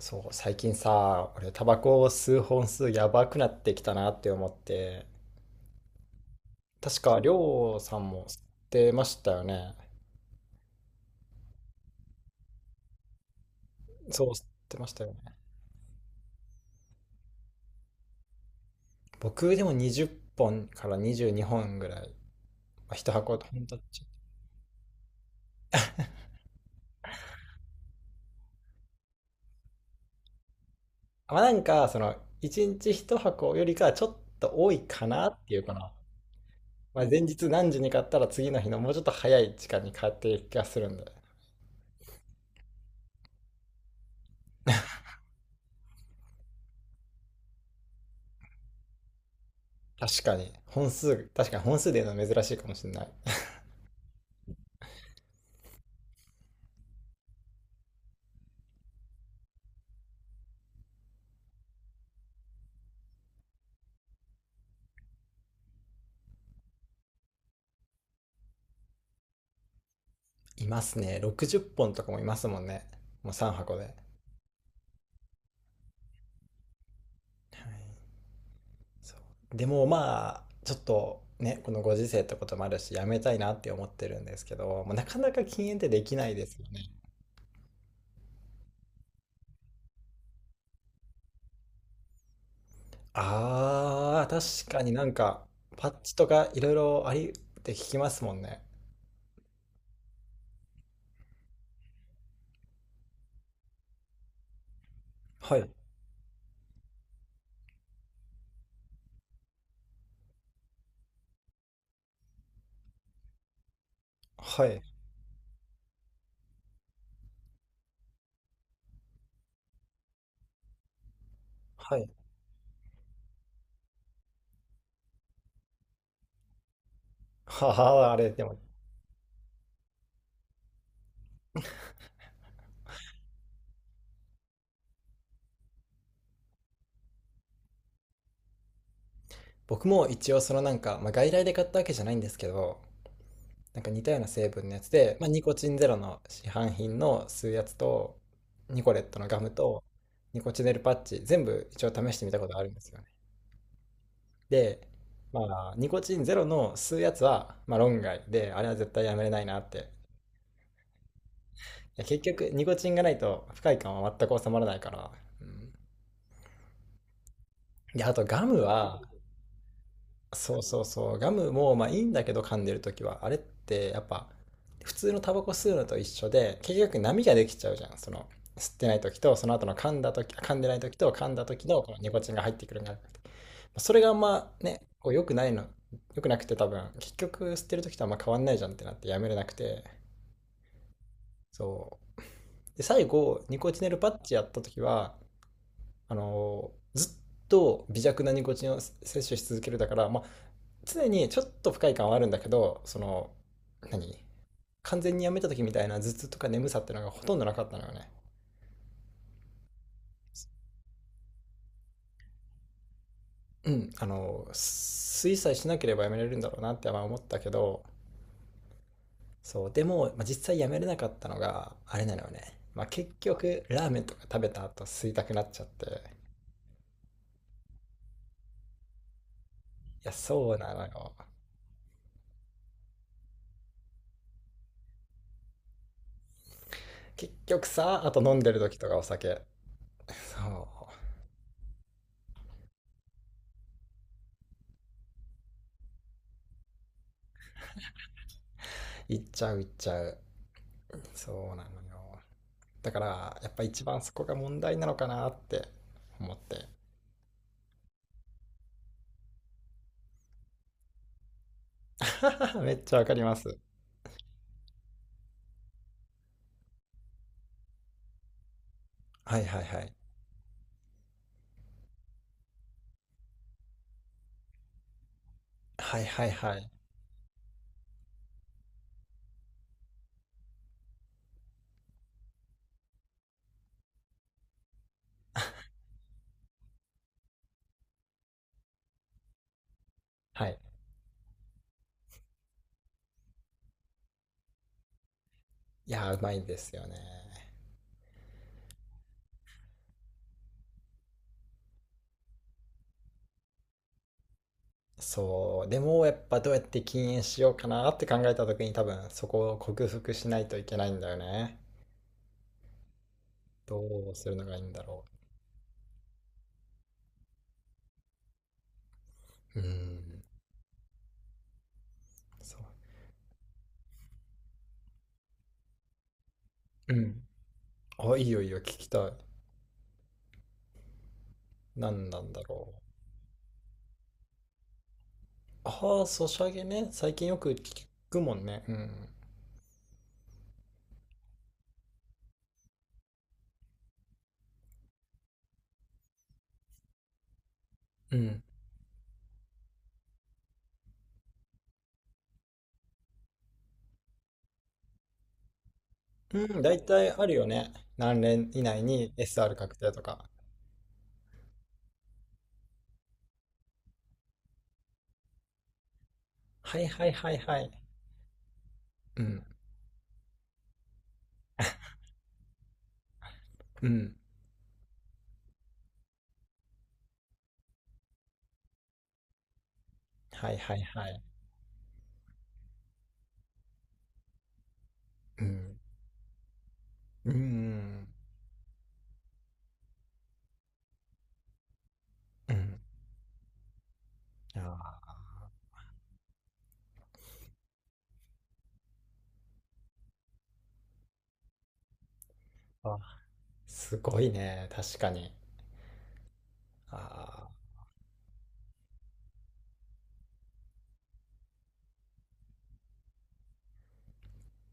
そう、最近さ、俺タバコを吸う本数やばくなってきたなって思って、確かりょうさんも吸ってましたよね。そう、吸ってましたよね。僕でも20本から22本ぐらい、まあ、1箱とほんとちょっと。まあなんか、1日一箱よりかはちょっと多いかなっていうかな。まあ前日何時に買ったら次の日のもうちょっと早い時間に買っている気がするんで。確かに、本数で言うのは珍しいかもしれない。いますね。60本とかもいますもんね。もう3箱で。はい、そうでもまあ、ちょっとね、このご時世ってこともあるし、やめたいなって思ってるんですけど、もうなかなか禁煙ってできないですよね。あー、確かに、パッチとかいろいろありって聞きますもんね。はい、はい、はい。ははあれ、でも、僕も一応まあ、外来で買ったわけじゃないんですけど、なんか似たような成分のやつで、まあ、ニコチンゼロの市販品の吸うやつと、ニコレットのガムと、ニコチネルパッチ、全部一応試してみたことあるんですよね。で、まあ、ニコチンゼロの吸うやつは、まあ、論外で、あれは絶対やめれないなって。いや結局、ニコチンがないと不快感は全く収まらないから。うん、で、あとガムは、そうそうそう。ガムもまあいいんだけど噛んでるときは、あれってやっぱ普通のタバコ吸うのと一緒で、結局波ができちゃうじゃん。その吸ってないときと、その後の噛んだとき、噛んでないときと噛んだときのこのニコチンが入ってくるんだ。それがあんまね、良くなくて多分、結局吸ってるときとあんま変わんないじゃんってなってやめれなくて。そう。で、最後、ニコチネルパッチやったときは、ずっと微弱なニコチンを摂取し続けるだから、まあ、常にちょっと不快感はあるんだけど、その何完全にやめた時みたいな頭痛とか眠さっていうのがほとんどなかったのよね。うん、あの、水さえしなければやめられるんだろうなって思ったけど。そうでも、まあ、実際やめれなかったのがあれなのよね、まあ、結局ラーメンとか食べた後吸いたくなっちゃって。いやそうなのよ。結局さあ、と飲んでる時とか、お酒。そう、いっちゃういっちゃう。そうなのよ、だからやっぱ一番そこが問題なのかなって思って。 めっちゃわかります。はい、はい、はい、はい、はい、はい、はい、いやーうまいですよね。そうでもやっぱどうやって禁煙しようかなって考えた時に多分そこを克服しないといけないんだよね。どうするのがいいんだろう。うーん。そう。うん、あ、いいよいいよ、聞きたい。何なんだろう。ああ、ソシャゲね、最近よく聞くもんね。うん、うん、うん、大体あるよね。何年以内に SR 確定とか。はい、はい、はい、はい。うん、うん。はい、はい、はい。うん、うん、うん。あーあ、すごいね。確かに。ああ、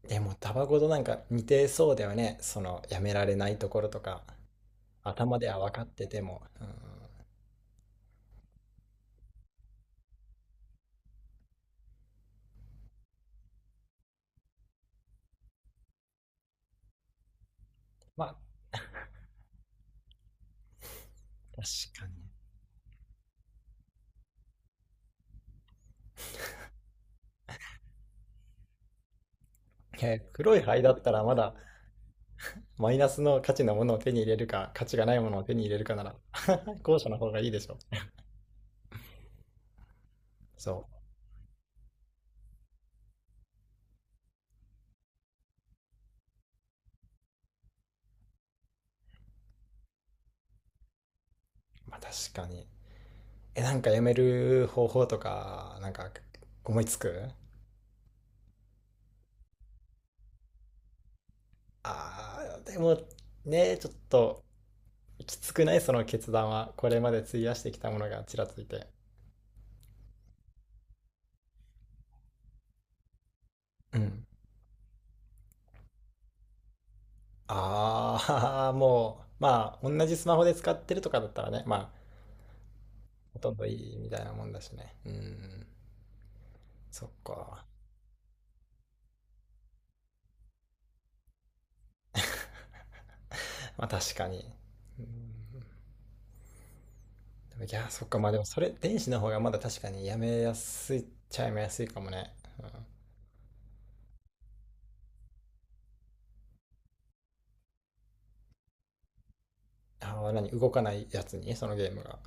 でもタバコとなんか似てそうだよね。その、やめられないところとか。頭では分かってても。うん、まあ、確かに。えー、黒い灰だったらまだマイナスの価値のものを手に入れるか、価値がないものを手に入れるかなら、後者の方がいいでしょ。そう。まあ確かに。え、なんかやめる方法とか、なんか思いつく。あー、でもね、ちょっときつくないその決断は。これまで費やしてきたものがちらついて。うん。ああ、もう、まあ同じスマホで使ってるとかだったらね、まあほとんどいいみたいなもんだしね。うん。そっか。まあ確かに。うん。でもいや、そっか。まあでもそれ、電子の方がまだ確かにやめやすいっちゃやめやすいかもね。ああ、何、動かないやつに、そのゲームが。は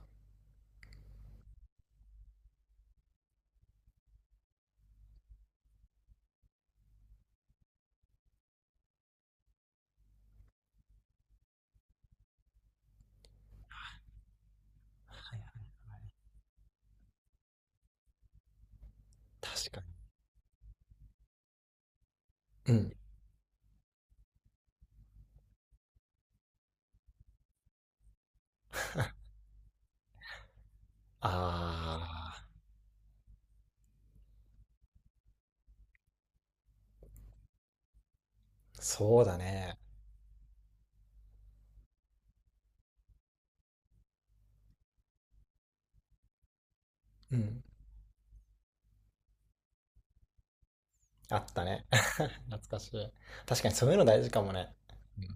い、確かに。うん。ああ、そうだね。うん。あったね。懐かしい。確かにそういうの大事かもね。うん。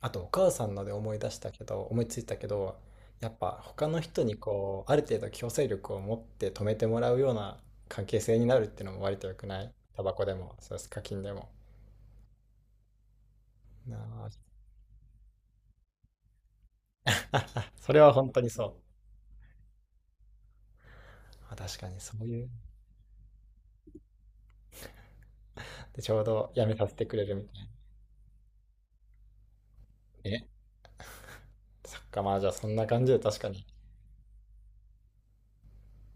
あと、お母さんので思い出したけど、思いついたけど、やっぱ他の人にこう、ある程度強制力を持って止めてもらうような関係性になるっていうのも割と良くない、タバコでも、そうです、課金でも。なあ。 それは本当にそう。まあ確かにそういう。で、ちょうどやめさせてくれるみたいな。そっか、まあじゃあそんな感じで確かに